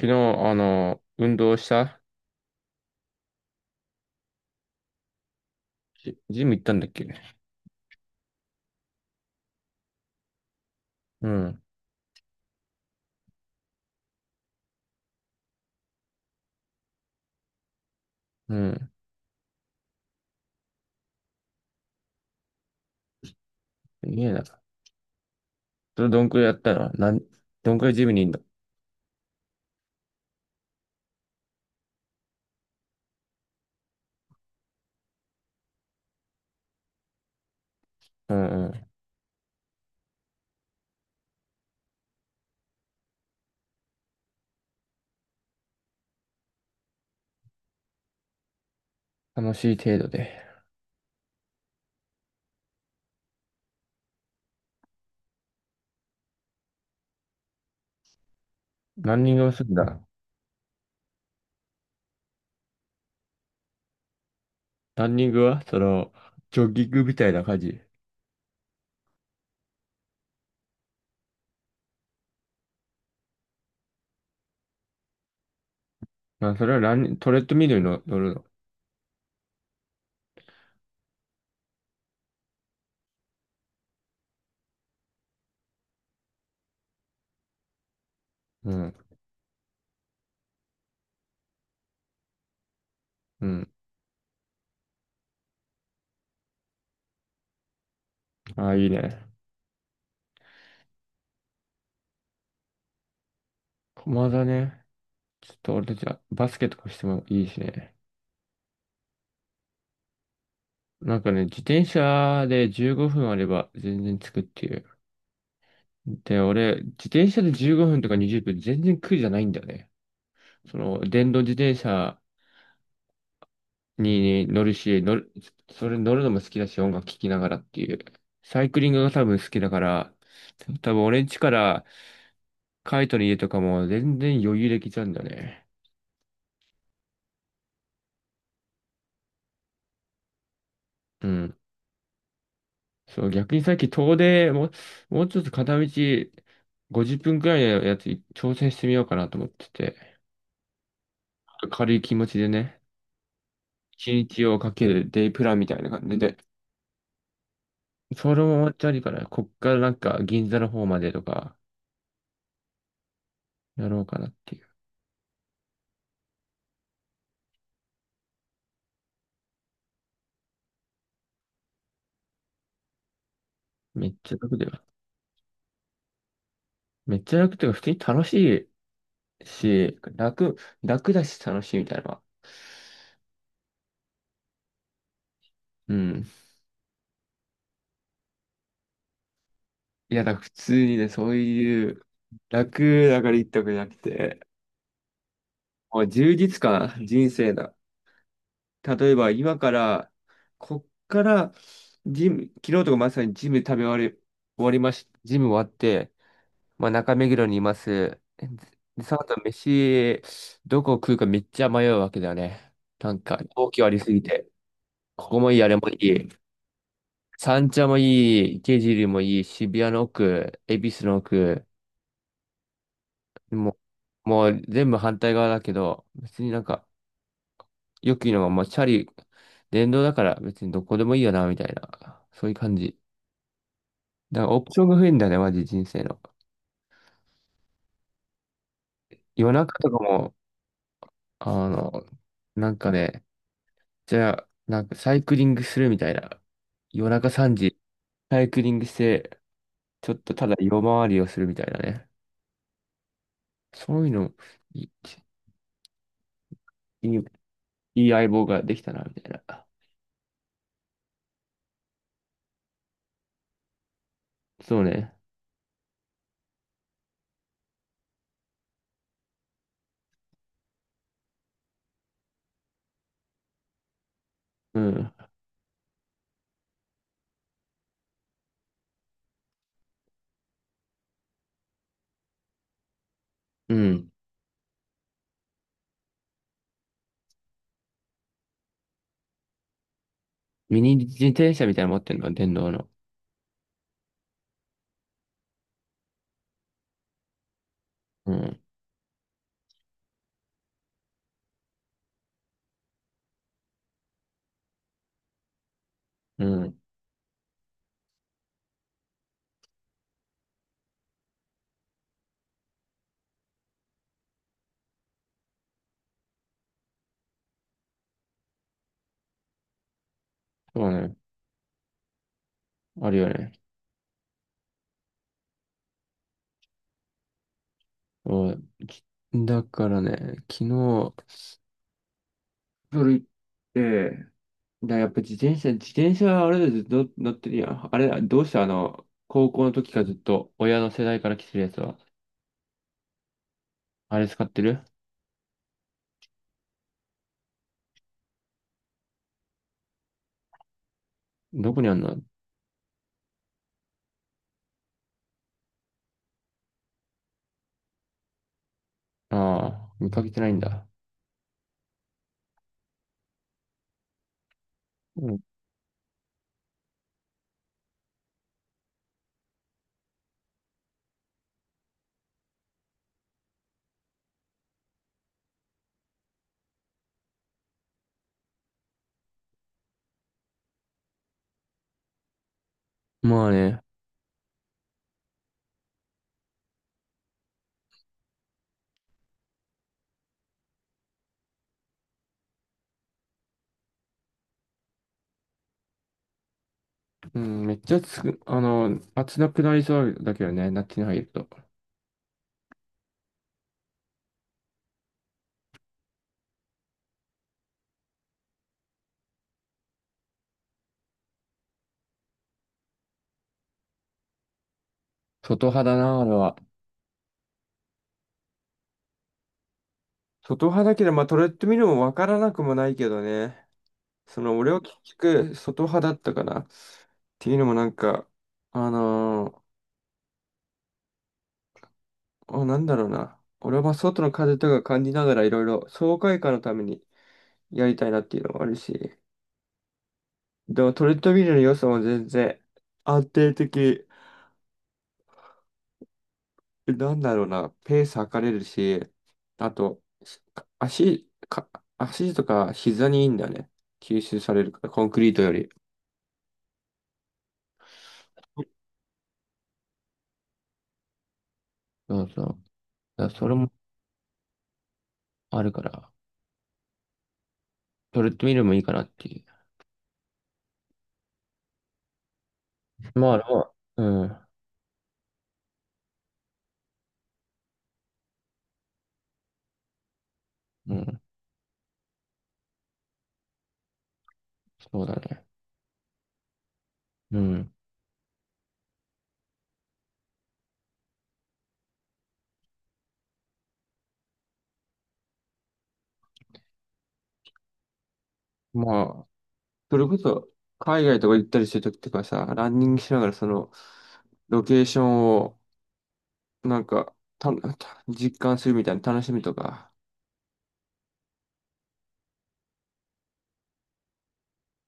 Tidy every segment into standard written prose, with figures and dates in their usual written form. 昨日、運動した。ジム行ったんだっけ。うん、うん。いいえな。それどんくらいやったのどんくらいジムにいんの。うんうん。楽しい程度で。ランニングをするんだ。ランニングはその、ジョギングみたいな感じ。まあ、それはランニ、トレッドミルに乗るの。うん、うん。ああ、いいね。駒だね。ちょっと俺たちはバスケとかしてもいいしね。なんかね、自転車で15分あれば全然着くっていう。で、俺、自転車で15分とか20分、全然苦じゃないんだよね。その、電動自転車にね乗るし、乗る、それ乗るのも好きだし、音楽聴きながらっていう。サイクリングが多分好きだから、多分俺ん家からカイトの家とかも全然余裕できちゃうんだよね。うん。そう、逆にさっき遠出、もう、もうちょっと片道50分くらいのやつ挑戦してみようかなと思ってて、軽い気持ちでね、1日をかけるデイプランみたいな感じでそれも終わっちゃうから、こっからなんか銀座の方までとかやろうかなっていう。めっちゃ楽だよ。めっちゃ楽っていうか、普通にいし、楽、楽だし楽しいみたいなのは。うん。いや、だから普通にね、そういう楽だから言ったわけじゃなくて、もう充実感、人生だ。例えば今から、こっから、昨日とかまさにジム食べ終わり、終わりまし、ジム終わって、まあ、中目黒にいます。で、その後飯、どこ食うかめっちゃ迷うわけだよね。なんか、東京ありすぎて。ここもいい、あれもいい、三茶もい池尻もいい、渋谷の奥、恵比寿の奥、もう、もう全部反対側だけど、別になんか、よく言うのが、もうチャリ、電動だから別にどこでもいいよな、みたいな。そういう感じ。だからオプションが増えんだよね、マジ人生の。夜中とかも、あの、なんかね、じゃあ、なんかサイクリングするみたいな。夜中3時、サイクリングして、ちょっとただ夜回りをするみたいなね。そういうの、いい、いいいい相棒ができたな、みたいな。そうね。うん。うん。ミニ自転車みたいなの持ってんの、電動の。うん。うん。そうね。あるよね。うん。だからね、昨日、夜行って、だからやっぱ自転車はあれでずっと乗ってるやん。あれ、どうしてあの、高校の時からずっと親の世代から来てるやつは、あれ使ってる。どこにあんの。ああー、見かけてないんだ。うん。まあね、うん、めっちゃつく、あの、暑なくなりそうだけどね、夏に入ると。外派だな、あれは。外派だけど、まあ、トレッドミルもわからなくもないけどね。その、俺は結局、外派だったかな。っていうのもなんか、あのーあ、なんだろうな。俺は外の風とか感じながらいろいろ爽快感のためにやりたいなっていうのもあるし、でもトレッドミルの良さも全然安定的、なんだろうな、ペース測れるし、あと、し足、か、足とか膝にいいんだよね。吸収されるから、コンクリートより。そうそう。だからそれもあるから、トレッドミルもいいかなっていう。まあ、まあれは、うん、うん、そうだね。うん。まあ、それこそ、海外とか行ったりするときとかさ、ランニングしながらその、ロケーションを、なんか、実感するみたいな楽しみとか。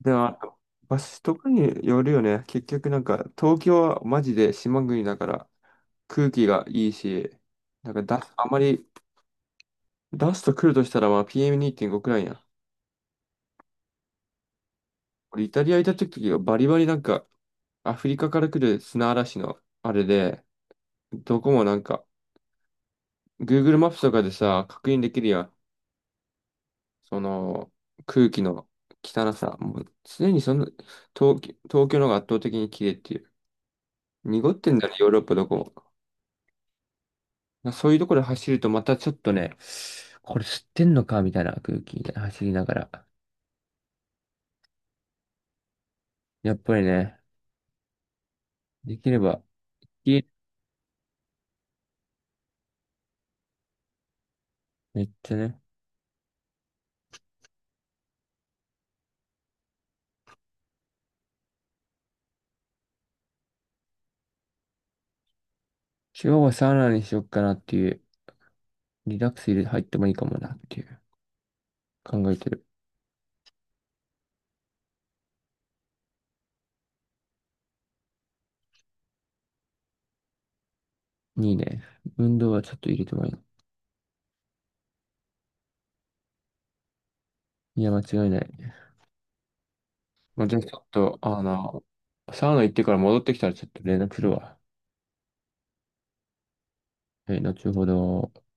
でも、場所とかによるよね。結局なんか、東京はマジで島国だから、空気がいいし、なんかだ、あまり、ダスト来るとしたら、まあ、PM2.5 くらいやん。俺、イタリア行った時はバリバリなんか、アフリカから来る砂嵐の、あれで、どこもなんか、Google マップとかでさ、確認できるやん。その空気の汚さ、もう常にその東京の方が圧倒的に綺麗っていう。濁ってんだね、ヨーロッパどこも。なそういうところで走るとまたちょっとね、これ吸ってんのかみたいな空気みたいな走りながら。やっぱりね、できれば、家めっちゃね、今日はサウナにしよっかなっていう、リラックス入れ入ってもいいかもなっていう、考えてる。いいね。運動はちょっと入れてもいい。いや、間違いない。まあ、じゃあちょっと、あの、サウナ行ってから戻ってきたらちょっと連絡するわ。はい、後ほど。